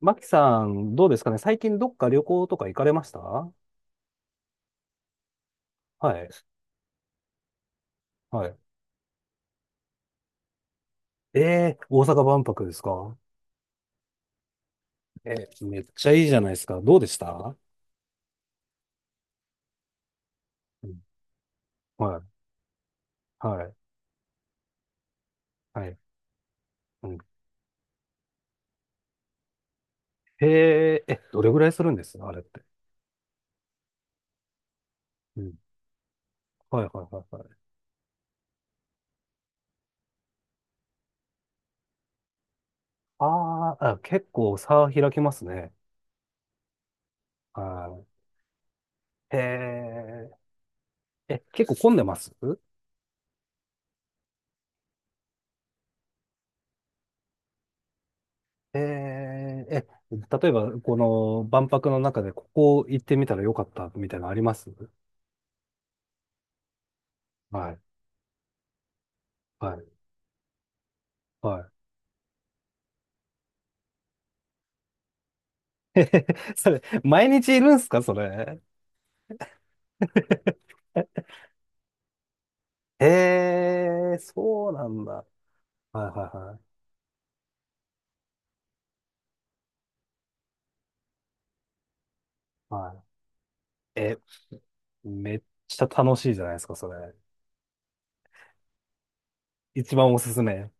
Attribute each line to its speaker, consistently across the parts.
Speaker 1: マキさん、どうですかね、最近どっか旅行とか行かれました？はい。はい。ええー、大阪万博ですか？えー、めっちゃいいじゃないですか。どうでした？うん。はい。はい。はい。うん。へえ、え、どれぐらいするんです、あれって。うん。はいはいはいはい。あーあ、結構差開きますね。はい。へえ、え、結構混んでます？ええ、え、例えば、この万博の中でここ行ってみたらよかったみたいなのあります？はい。はいはい。それ、毎日いるんすか、それ。ええー、そうなんだ。はいはいはい。はい。え、めっちゃ楽しいじゃないですか、それ。一番おすすめ。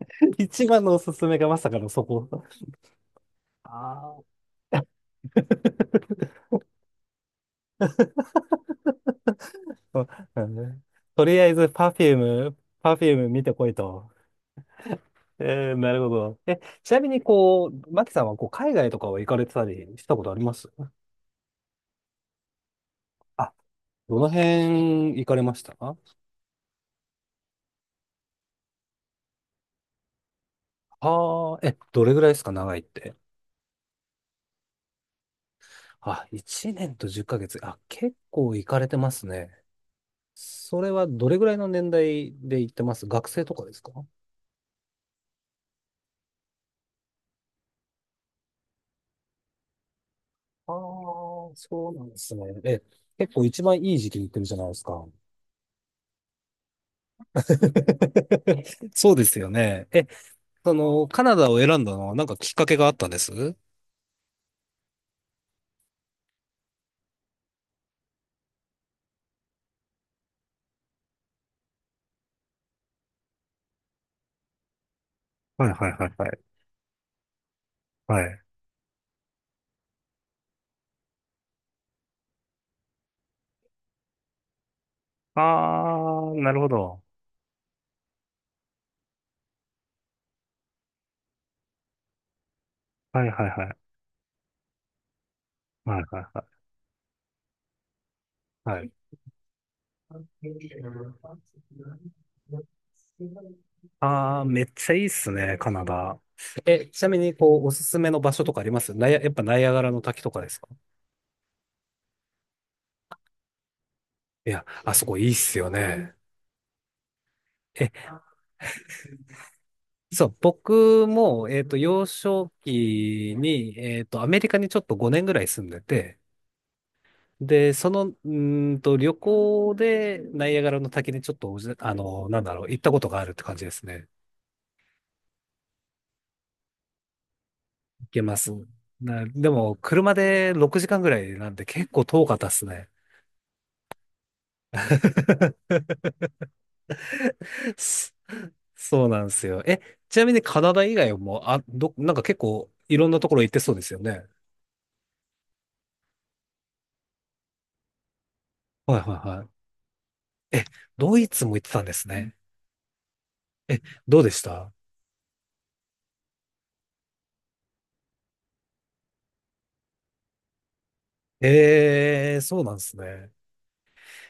Speaker 1: 一番のおすすめがまさかのそこ。ああ。そうなんだね。とりあえず、パフューム、パフューム見てこいと。えー、なるほど。え、ちなみに、こう、マキさんは、こう、海外とかは行かれてたりしたことあります？あ、どの辺行かれました？はあ、え、どれぐらいですか、長いって。あ、1年と10ヶ月。あ、結構行かれてますね。それはどれぐらいの年代で行ってます？学生とかですか？ああー、そうなんですね。え、結構一番いい時期に行ってるじゃないですか。そうですよね。え、その、カナダを選んだのはなんかきっかけがあったんです？はい。はいはいはい。はい。ああ、なるほど。はいはいはい。はいはいはい。はい。ああ、めっちゃいいっすね、カナダ。え、ちなみに、こう、おすすめの場所とかあります？ナイア、やっぱナイアガラの滝とかですか？いや、あそこいいっすよね。え、そう、僕も、幼少期に、アメリカにちょっと5年ぐらい住んでて、で、その、旅行でナイアガラの滝にちょっとなんだろう、行ったことがあるって感じですね。けます。でも、車で6時間ぐらいなんて結構遠かったっすね。そそうなんですよ。え、ちなみにカナダ以外も、あ、なんか結構いろんなところ行ってそうですよね。はいはいはい。え、ドイツも行ってたんですね。え、どうでした？えー、そうなんですね。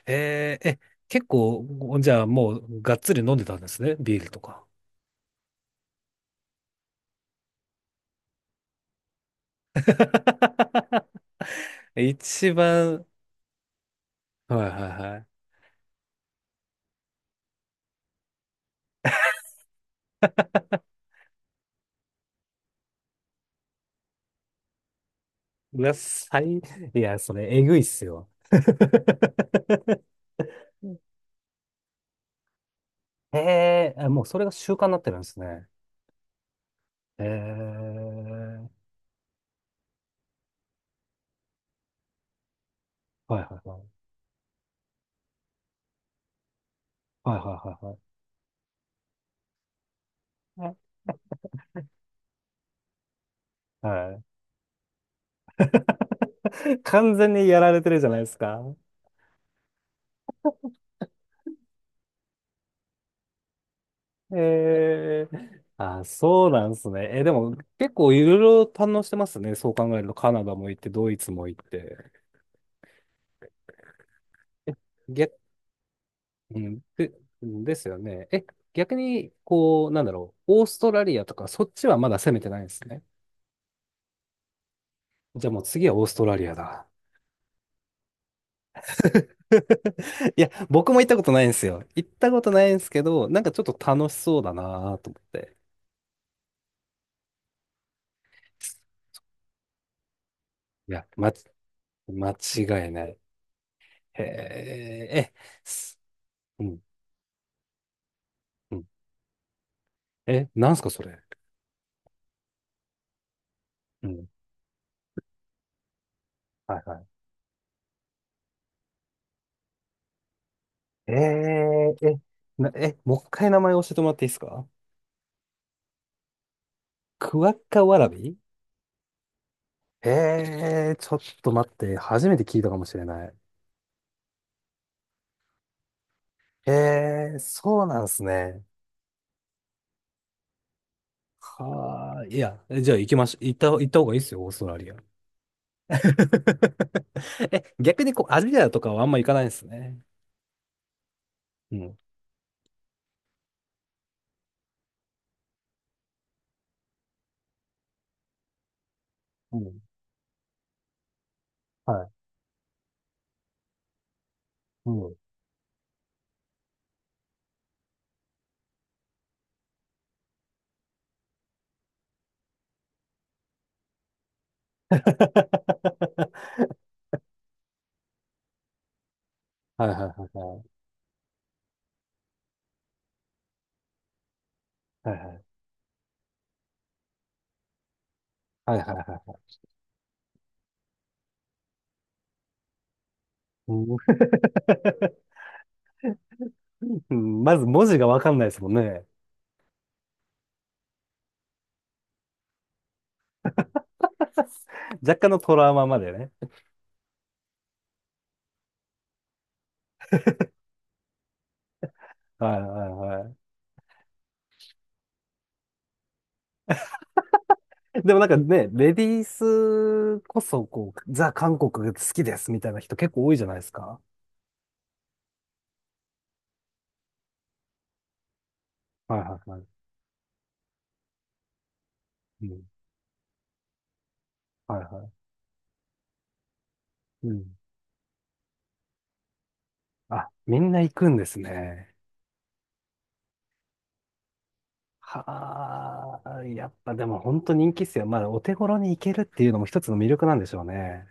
Speaker 1: えー、え、結構、じゃあもうがっつり飲んでたんですね。ビールとか。一番、はいはいはい。うわ、いや、それ、えぐいっすよ。へえ、あ、もうそれが習慣になってるんですね。へえ、はいはいはい。はいはいはいはい。はい。完全にやられてるじゃないですか。へえ、あ、そうなんですね。え、でも結構いろいろ堪能してますね。そう考えると、カナダも行って、ドイツも行って。逆、うん、で、ですよね。え、逆に、こう、なんだろう、オーストラリアとか、そっちはまだ攻めてないんですね。じゃあもう次はオーストラリアだ。いや、僕も行ったことないんですよ。行ったことないんですけど、なんかちょっと楽しそうだなと思って。いや、ま、間違いない。へえ、え、すうん、うん。え、なんすか、それ。うん。はいはい。えー、え、え、もう一回名前教えてもらっていいですか？クワッカワラビ。えー、ちょっと待って、初めて聞いたかもしれない。えー、そうなんすね。はあ、いや、じゃあ行きましょう。行った方がいいですよ、オーストラリア。え、逆にこう、アジアとかはあんま行かないんですね。うん。うん。はい。うん。はいはいはいはい。はいはい。はいはいはいはい。うんうん。 まず文字がわかんないですもんね。若干のトラウマまでね。はいはいはい。でもなんかね、レディースこそ、こう、ザ・韓国が好きですみたいな人結構多いじゃないですか。はいはいはい。うん。はいはい。うん。あ、みんな行くんですね。はあ、やっぱでも本当人気っすよ。まあ、お手頃に行けるっていうのも一つの魅力なんでしょうね。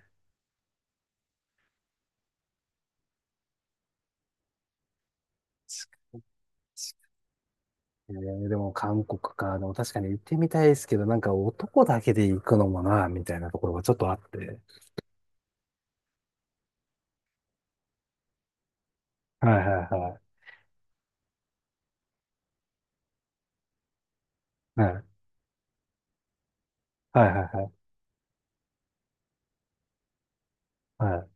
Speaker 1: 確かに確かに、えー、でも韓国か。でも確かに行ってみたいですけど、なんか男だけで行くのもな、みたいなところがちょっとあって。はいはいはい。はいはいはいはい。は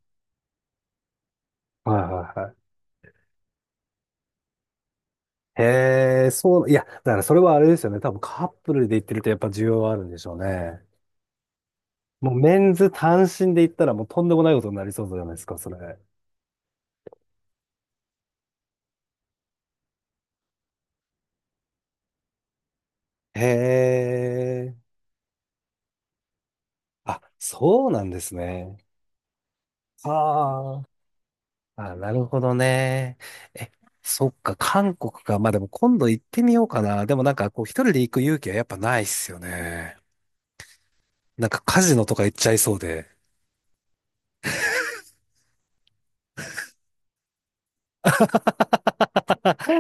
Speaker 1: いはいはい。へえ、そう、いや、だからそれはあれですよね。多分カップルで行ってるとやっぱ需要はあるんでしょうね。もうメンズ単身で行ったらもうとんでもないことになりそうじゃないですか、それ。へえ。あ、そうなんですね。ああ。あ、なるほどね。え、そっか、韓国か。まあでも今度行ってみようかな。でもなんかこう一人で行く勇気はやっぱないっすよね。なんかカジノとか行っちゃいそうで。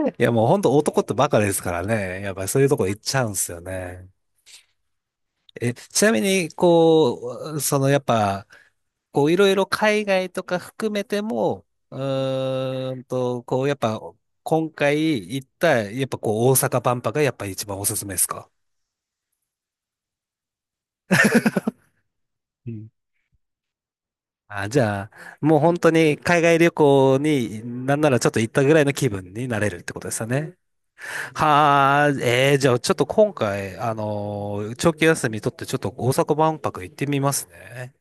Speaker 1: いやもうほんと男ってバカですからね。やっぱそういうとこ行っちゃうんすよね。え、ちなみに、こう、そのやっぱ、こう、いろいろ海外とか含めても、こう、やっぱ、今回行った、やっぱこう、大阪万博がやっぱ一番おすすめですか？うん。あ、じゃあ、もう本当に海外旅行になんならちょっと行ったぐらいの気分になれるってことですよね。はあ、えー、じゃあちょっと今回、長期休み取ってちょっと大阪万博行ってみますね。